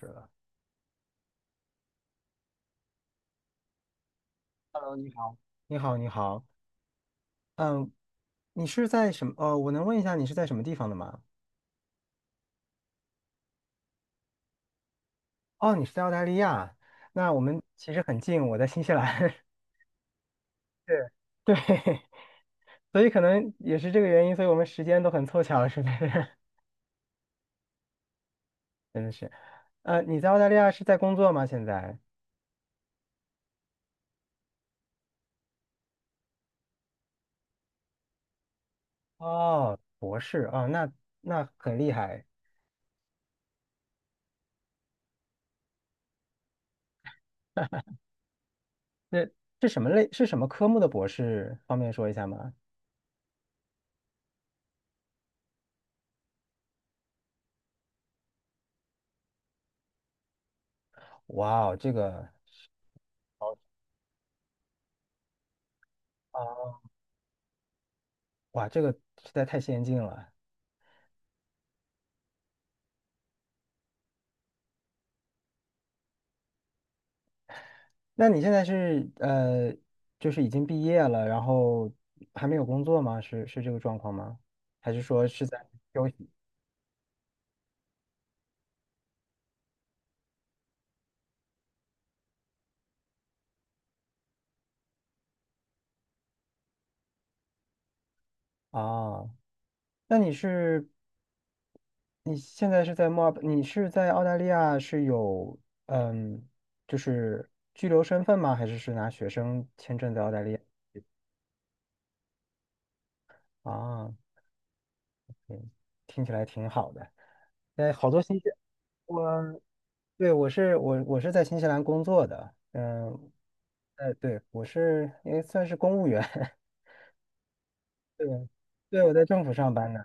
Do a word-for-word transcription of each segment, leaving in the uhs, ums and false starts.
是的。Hello，你好。你好，你好，嗯，你是在什么？呃，我能问一下你是在什么地方的吗？哦，你是在澳大利亚，那我们其实很近，我在新西兰。对，对，所以可能也是这个原因，所以我们时间都很凑巧，是不是？真的是。呃，你在澳大利亚是在工作吗？现在？哦，博士啊哦，那那很厉害。那是什么类？是什么科目的博士？方便说一下吗？哇哦，这个，哦，哇，这个实在太先进了。那你现在是呃，就是已经毕业了，然后还没有工作吗？是是这个状况吗？还是说是在休息啊？那你是你现在是在墨尔本，你是在澳大利亚是有嗯，就是居留身份吗？还是是拿学生签证在澳大利亚？啊，听起来挺好的。哎，好多新西，我对我是我我是在新西兰工作的，嗯，呃，对，我是也算是公务员。对，对，我在政府上班呢，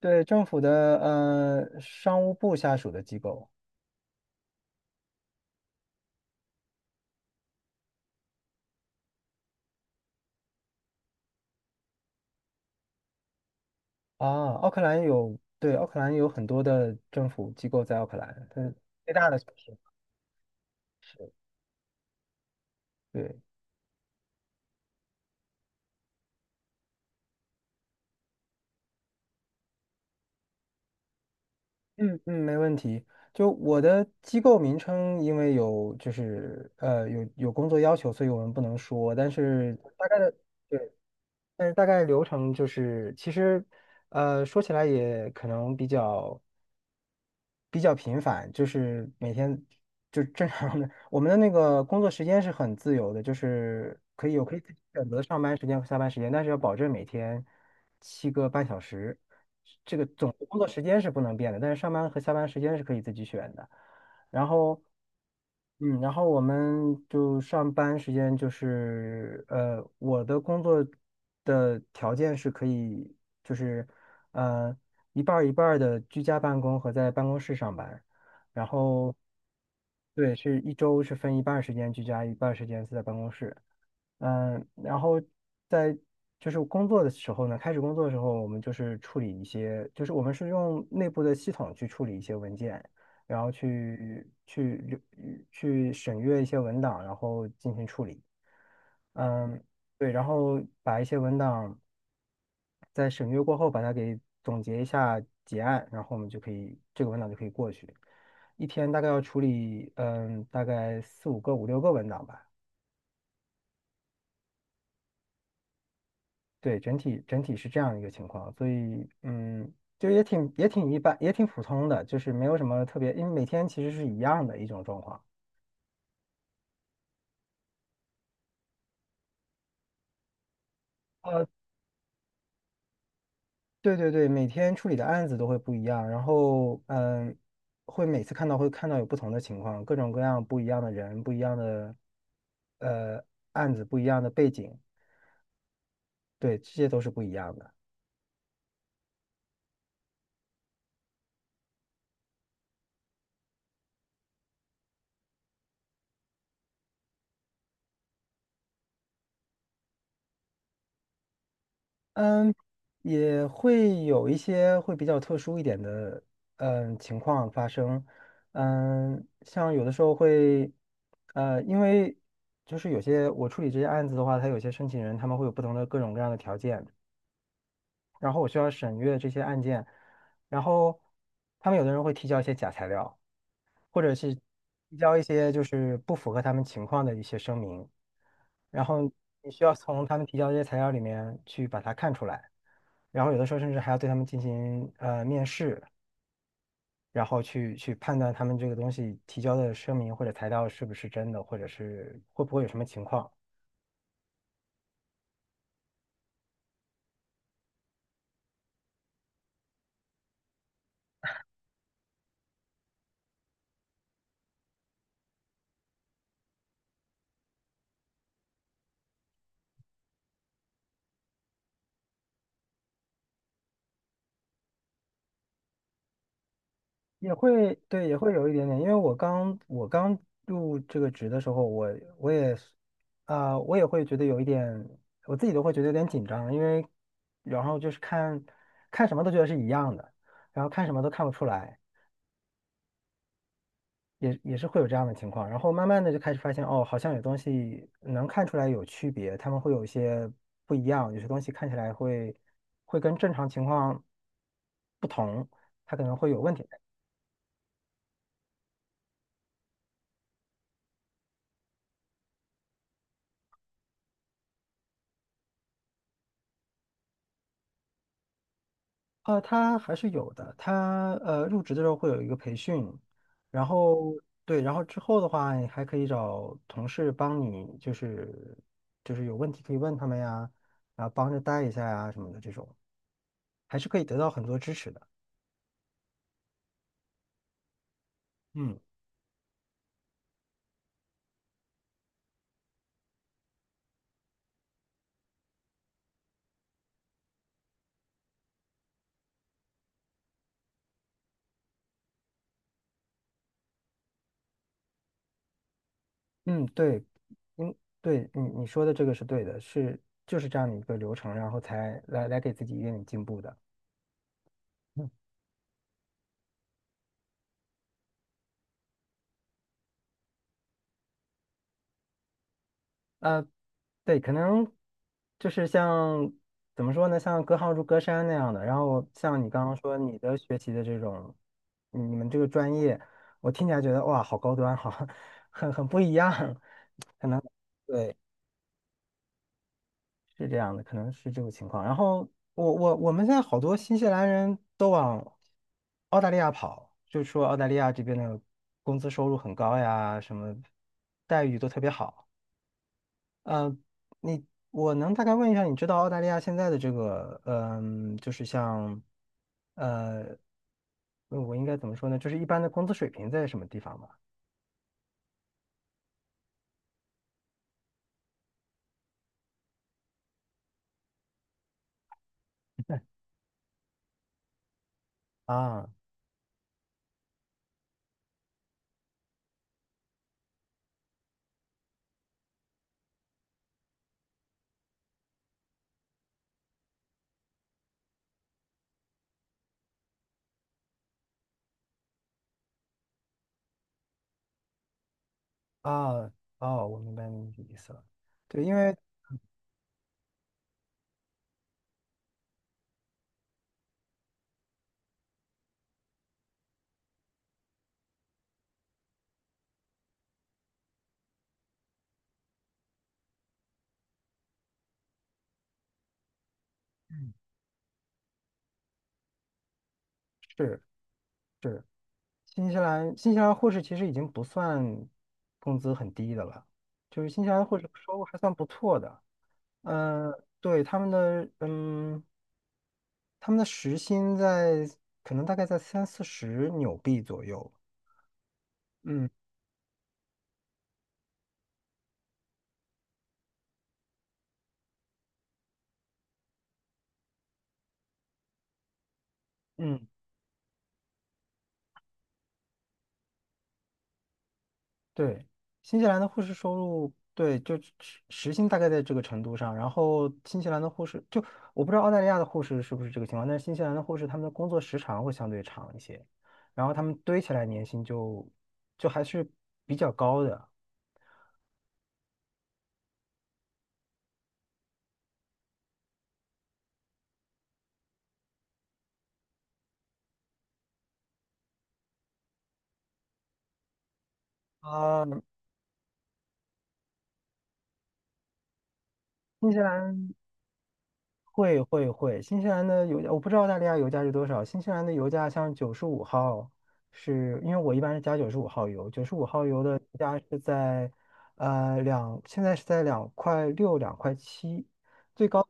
对，政府的呃商务部下属的机构。啊，奥克兰有，对，奥克兰有很多的政府机构在奥克兰，它是最大的城市。是，对，嗯嗯，没问题。就我的机构名称，因为有就是呃有有工作要求，所以我们不能说，但是大概的。对。但是大概流程就是，其实，呃，说起来也可能比较比较频繁，就是每天就正常的。我们的那个工作时间是很自由的，就是可以有可以自己选择上班时间和下班时间，但是要保证每天七个半小时，这个总的工作时间是不能变的，但是上班和下班时间是可以自己选的。然后嗯，然后我们就上班时间就是，呃，我的工作的条件是可以，就是，呃，一半儿一半儿的居家办公和在办公室上班，然后对，是一周是分一半儿时间居家，一半儿时间是在办公室。嗯，然后在就是工作的时候呢，开始工作的时候，我们就是处理一些，就是我们是用内部的系统去处理一些文件，然后去去留去审阅一些文档，然后进行处理。嗯，对，然后把一些文档在审阅过后，把它给总结一下结案，然后我们就可以这个文档就可以过去。一天大概要处理，嗯，大概四五个、五六个文档吧。对，整体整体是这样一个情况，所以嗯，就也挺也挺一般，也挺普通的，就是没有什么特别，因为每天其实是一样的一种状况。呃，对对对，每天处理的案子都会不一样，然后嗯，会每次看到会看到有不同的情况，各种各样不一样的人，不一样的呃案子，不一样的背景，对，这些都是不一样的。嗯，也会有一些会比较特殊一点的嗯情况发生，嗯，像有的时候会，呃，因为就是有些我处理这些案子的话，它有些申请人他们会有不同的各种各样的条件，然后我需要审阅这些案件，然后他们有的人会提交一些假材料，或者是提交一些就是不符合他们情况的一些声明，然后你需要从他们提交的这些材料里面去把它看出来，然后有的时候甚至还要对他们进行呃面试，然后去去判断他们这个东西提交的声明或者材料是不是真的，或者是会不会有什么情况。也会对，也会有一点点，因为我刚我刚入这个职的时候，我我也是啊、我也会觉得有一点，我自己都会觉得有点紧张，因为然后就是看看什么都觉得是一样的，然后看什么都看不出来，也也是会有这样的情况。然后慢慢的就开始发现，哦，好像有东西能看出来有区别，他们会有一些不一样，有些东西看起来会会跟正常情况不同，它可能会有问题。呃，他还是有的。他呃，入职的时候会有一个培训，然后对，然后之后的话，你还可以找同事帮你，就是就是有问题可以问他们呀，然后帮着带一下呀什么的这种，还是可以得到很多支持的。嗯嗯，对，嗯对，你你说的这个是对的，是就是这样的一个流程，然后才来来给自己一点点进步的。呃，对，可能就是像怎么说呢，像隔行如隔山那样的。然后像你刚刚说你的学习的这种，你们这个专业，我听起来觉得哇，好高端，好，很很不一样。可能对，是这样的，可能是这种情况。然后我我我们现在好多新西兰人都往澳大利亚跑，就说澳大利亚这边的工资收入很高呀，什么待遇都特别好。呃，你我能大概问一下，你知道澳大利亚现在的这个，嗯、就是像，呃，呃我应该怎么说呢？就是一般的工资水平在什么地方吗？啊啊哦，我明白你的意思了。对，因为是是新西兰，新西兰护士其实已经不算工资很低的了，就是新西兰护士收入还算不错的。嗯、对，他们的嗯。他们的时薪在可能大概在三四十纽币左右。嗯嗯，对，新西兰的护士收入，对，就时时薪大概在这个程度上。然后新西兰的护士，就我不知道澳大利亚的护士是不是这个情况，但是新西兰的护士他们的工作时长会相对长一些，然后他们堆起来年薪就就还是比较高的。啊、新西兰会会会，新西兰的油价我不知道澳大利亚油价是多少，新西兰的油价像九十五号是，因为我一般是加九十五号油，九十五号油的油价是在呃两，现在是在两块六两块七，最高，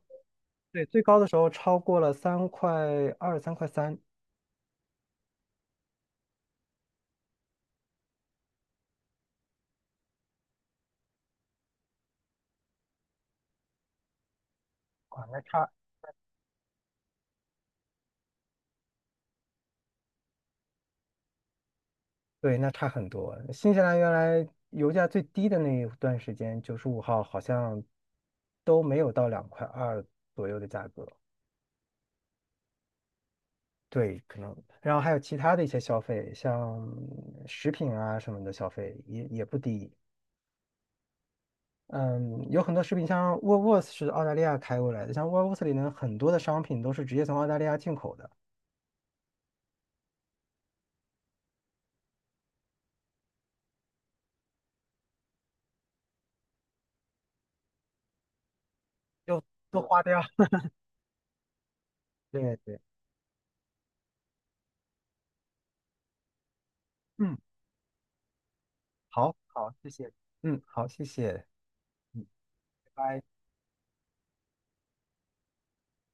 对，最高的时候超过了三块二三块三。啊，那差，对，那差很多。新西兰原来油价最低的那一段时间，九十五号好像都没有到两块二左右的价格。对，可能，然后还有其他的一些消费，像食品啊什么的消费也也不低。嗯，有很多食品，像沃尔沃斯是澳大利亚开过来的，像沃尔沃斯里面很多的商品都是直接从澳大利亚进口的，就都花掉。对对，嗯，好，好，谢谢，嗯，好，谢谢，嗯，拜拜。